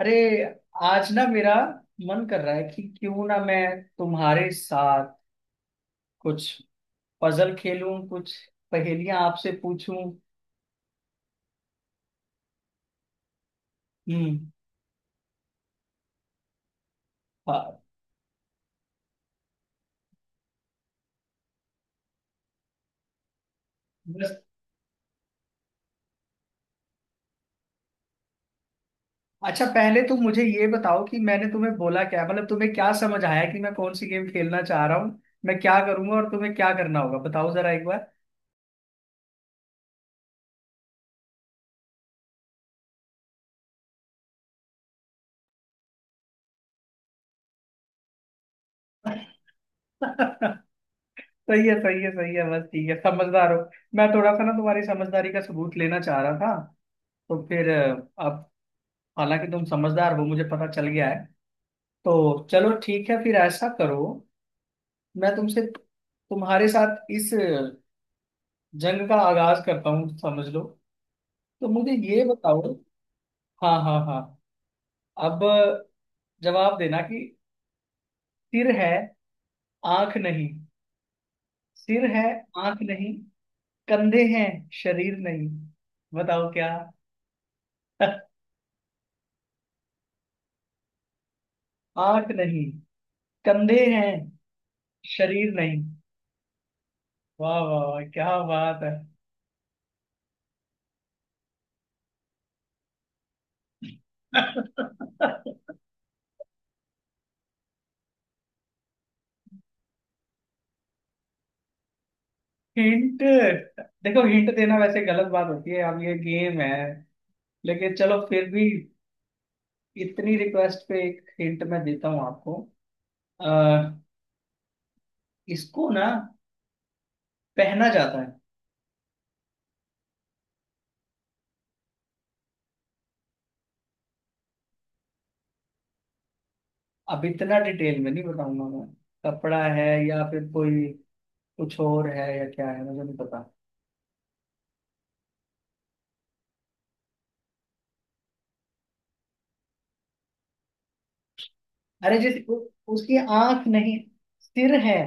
अरे, आज ना मेरा मन कर रहा है कि क्यों ना मैं तुम्हारे साथ कुछ पजल खेलूं, कुछ पहेलियां आपसे पूछूं। हम्म। हाँ। बस। अच्छा, पहले तुम मुझे ये बताओ कि मैंने तुम्हें बोला क्या, मतलब तुम्हें क्या समझ आया कि मैं कौन सी गेम खेलना चाह रहा हूँ। मैं क्या करूंगा और तुम्हें क्या करना होगा, बताओ जरा एक बार। सही है, सही है, सही है। बस ठीक है, समझदार हो। मैं थोड़ा सा ना तुम्हारी समझदारी का सबूत लेना चाह रहा था। तो फिर अब, हालांकि तुम समझदार हो, मुझे पता चल गया है। तो चलो ठीक है, फिर ऐसा करो। मैं तुमसे, तुम्हारे साथ इस जंग का आगाज करता हूँ, समझ लो। तो मुझे ये बताओ। हाँ, हाँ, हाँ। अब जवाब देना कि सिर है, आंख नहीं। सिर है, आंख नहीं, कंधे हैं, शरीर नहीं। बताओ क्या। आंख नहीं, कंधे हैं, शरीर नहीं। वाह वाह वाह, क्या बात है। हिंट? देखो, हिंट देना वैसे गलत बात होती है, अब ये गेम है। लेकिन चलो फिर भी, इतनी रिक्वेस्ट पे एक हिंट मैं देता हूँ आपको। अह, इसको ना पहना जाता है। अब इतना डिटेल में नहीं बताऊंगा मैं। कपड़ा है या फिर कोई कुछ और है या क्या है, मुझे नहीं पता। अरे, उसकी आंख नहीं, सिर है।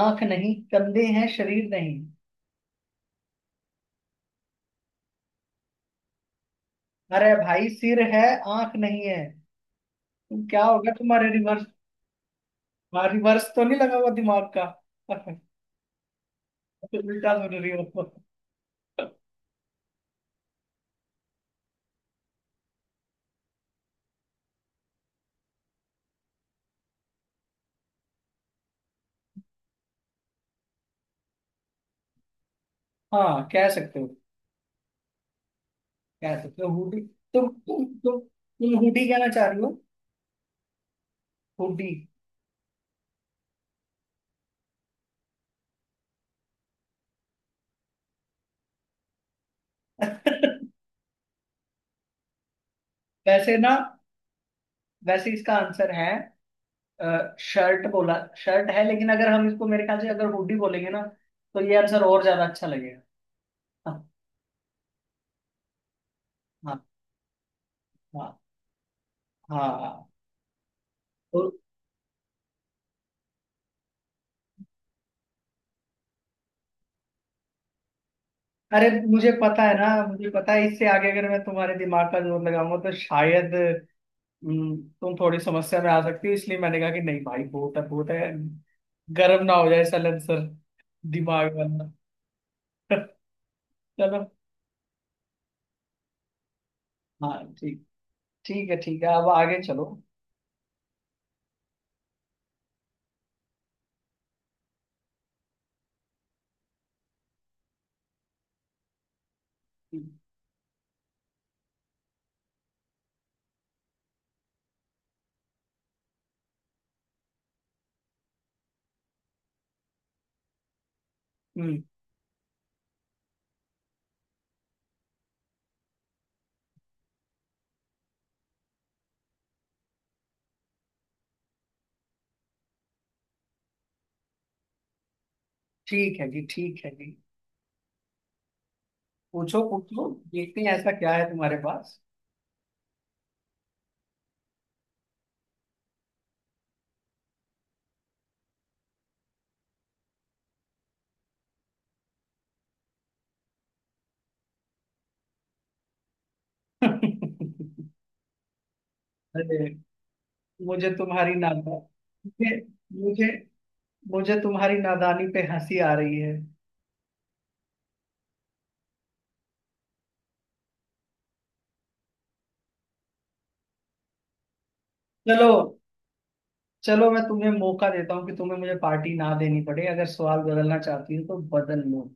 आंख नहीं, कंधे हैं, शरीर नहीं। अरे भाई, सिर है, आंख नहीं है। तुम क्या, होगा तुम्हारे रिवर्स? हाँ, रिवर्स तो नहीं लगा हुआ दिमाग का। तो उल्टा सुन रही हो। हाँ, कह सकते हो। कह सकते हो, हुडी। तुम तुम तुम तुम हुडी कहना चाह रही हो। हुडी। वैसे ना वैसे इसका आंसर है शर्ट बोला। शर्ट है, लेकिन अगर हम इसको, मेरे ख्याल से, अगर हुडी बोलेंगे ना, तो ये आंसर और ज्यादा अच्छा लगेगा। हाँ, हाँ, हाँ, हाँ, हाँ। तो अरे, मुझे पता है ना, मुझे पता है। इससे आगे अगर मैं तुम्हारे दिमाग का जोर लगाऊंगा तो शायद तुम थोड़ी समस्या में आ सकती हो, इसलिए मैंने कहा कि नहीं भाई, बहुत है बहुत है। गर्म ना हो जाए सल सर, दिमाग वाला। चलो। हाँ, ठीक। ठीक है, ठीक है, अब आगे चलो। हम्म। ठीक है जी, ठीक है जी। पूछो, पूछो। देखते हैं ऐसा क्या है तुम्हारे पास। अरे, मुझे तुम्हारी नादा मुझे मुझे मुझे तुम्हारी नादानी पे हंसी आ रही है। चलो, चलो, मैं तुम्हें मौका देता हूँ कि तुम्हें मुझे पार्टी ना देनी पड़े। अगर सवाल बदलना चाहती हो तो बदल लो।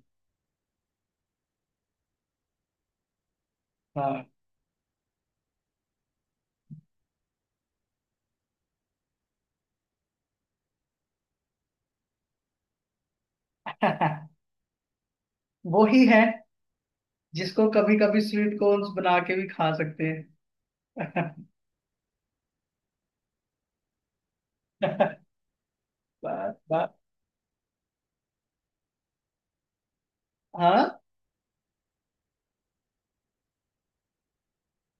हाँ। वो ही है जिसको कभी कभी स्वीट कॉर्न्स बना के भी खा सकते हैं। बात, बात। हाँ,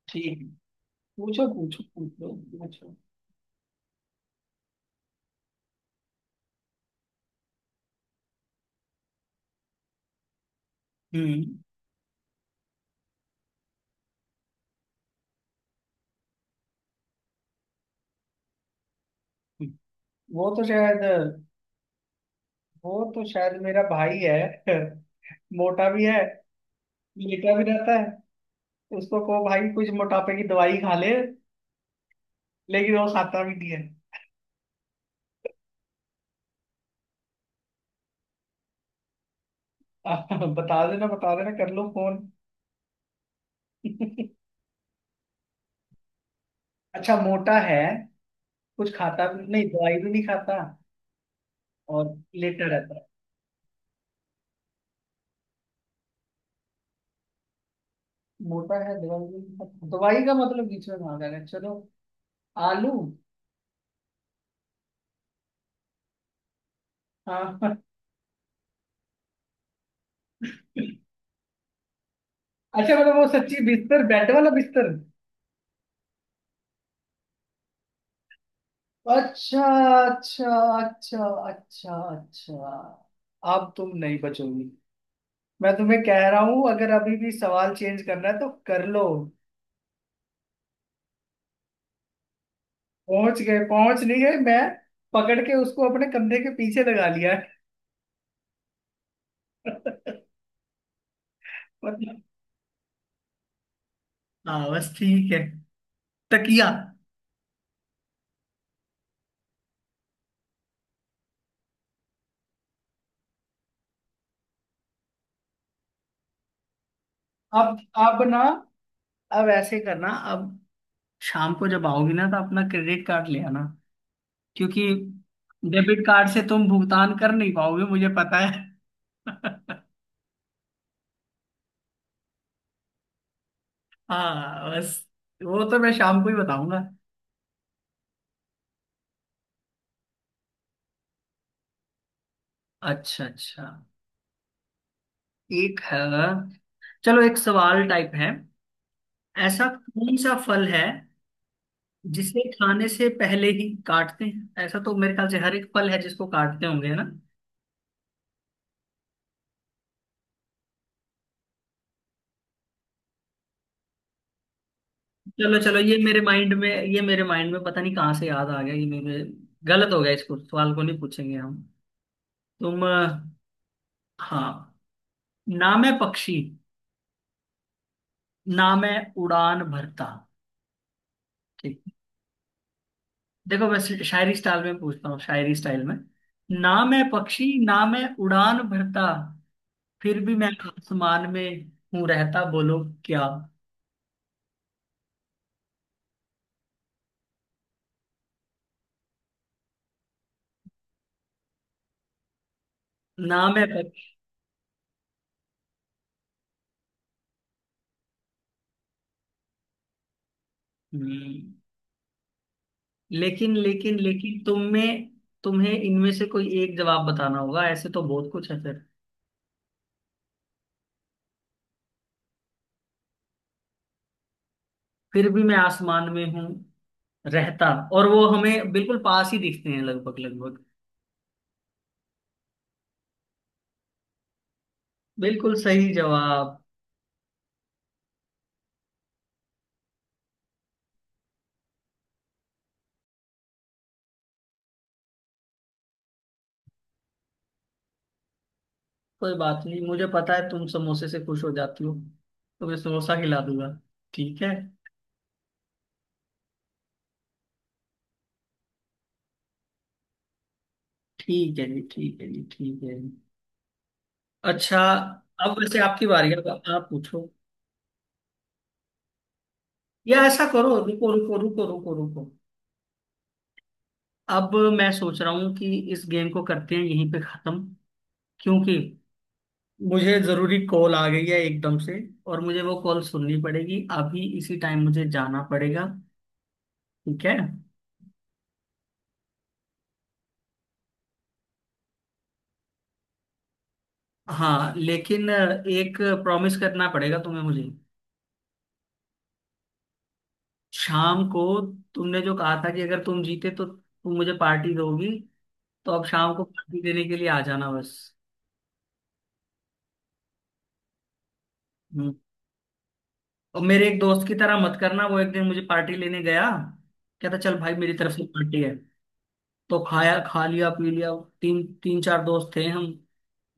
ठीक है। पूछो, पूछो, पूछो, पूछो। हम्म। वो तो शायद, मेरा भाई है। मोटा भी है, लेटा भी रहता है। उसको कहो भाई कुछ मोटापे की दवाई खा ले, लेकिन वो खाता भी नहीं है। बता देना, बता देना, कर लो फोन। अच्छा, मोटा है, कुछ खाता भी नहीं, दवाई भी नहीं खाता, और लेटर रहता है। मोटा है, दवाई, दवाई का मतलब बीच में भागा है, चलो। आलू। हाँ। अच्छा, मतलब वो सच्ची बिस्तर, बेड वाला बिस्तर? अच्छा, अच्छा, अच्छा, अच्छा, अच्छा। अब तुम नहीं बचोगी। मैं तुम्हें कह रहा हूं, अगर अभी भी सवाल चेंज करना है तो कर लो। पहुंच गए, पहुंच नहीं गए मैं, पकड़ के उसको अपने कंधे के पीछे लगा लिया है। मतलब। हाँ, बस ठीक है। तकिया। अब अब ना, अब ऐसे करना। अब शाम को जब आओगी ना तो अपना क्रेडिट कार्ड ले आना, क्योंकि डेबिट कार्ड से तुम भुगतान कर नहीं पाओगे, मुझे पता है। हाँ बस, वो तो मैं शाम को ही बताऊंगा। अच्छा, अच्छा। एक है, चलो, एक सवाल टाइप है। ऐसा कौन सा फल है जिसे खाने से पहले ही काटते हैं? ऐसा तो मेरे ख्याल से हर एक फल है, जिसको काटते होंगे, है ना। चलो, चलो, ये मेरे माइंड में, ये मेरे माइंड में पता नहीं कहाँ से याद आ गया ये मेरे। गलत हो गया, इसको सवाल को नहीं पूछेंगे हम। तुम हाँ। नाम है पक्षी, नाम है उड़ान भरता, ठीक। देखो, मैं शायरी स्टाइल में पूछता हूँ, शायरी स्टाइल में। नाम है पक्षी, नाम है उड़ान भरता, फिर भी मैं आसमान में हूँ रहता। बोलो क्या। नाम है पक्षी। हम्म, लेकिन लेकिन लेकिन तुम्हें, तुम्हें इनमें से कोई एक जवाब बताना होगा। ऐसे तो बहुत कुछ है फिर। फिर भी मैं आसमान में हूँ रहता, और वो हमें बिल्कुल पास ही दिखते हैं, लगभग लगभग। बिल्कुल सही जवाब। कोई बात नहीं, मुझे पता है तुम समोसे से खुश हो जाती हो, तो मैं समोसा खिला दूंगा। ठीक है। ठीक है जी, ठीक है जी, ठीक है जी। अच्छा। अब वैसे आपकी बारी है, अब आप पूछो। या ऐसा करो, रुको, रुको, रुको, रुको, रुको। अब मैं सोच रहा हूँ कि इस गेम को करते हैं यहीं पे खत्म, क्योंकि मुझे जरूरी कॉल आ गई है एकदम से, और मुझे वो कॉल सुननी पड़ेगी। अभी इसी टाइम मुझे जाना पड़ेगा, ठीक है? हाँ, लेकिन एक प्रॉमिस करना पड़ेगा तुम्हें मुझे। शाम को, तुमने जो कहा था कि अगर तुम जीते तो तुम मुझे पार्टी दोगी, तो अब शाम को पार्टी देने के लिए आ जाना, बस। हम्म। और मेरे एक दोस्त की तरह मत करना, वो एक दिन मुझे पार्टी लेने गया। कहता, चल भाई, मेरी तरफ से पार्टी है। तो खाया, खा लिया, पी लिया। तीन तीन चार दोस्त थे हम।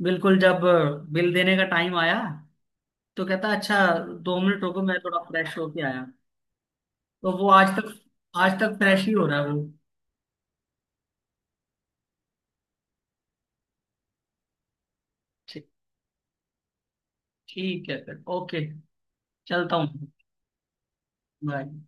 बिल्कुल जब बिल देने का टाइम आया, तो कहता, अच्छा, 2 मिनट रुको, मैं थोड़ा फ्रेश होके आया। तो वो आज तक, आज तक फ्रेश ही हो रहा है वो। ठीक। ठीक है फिर। ओके, चलता हूँ। बाय।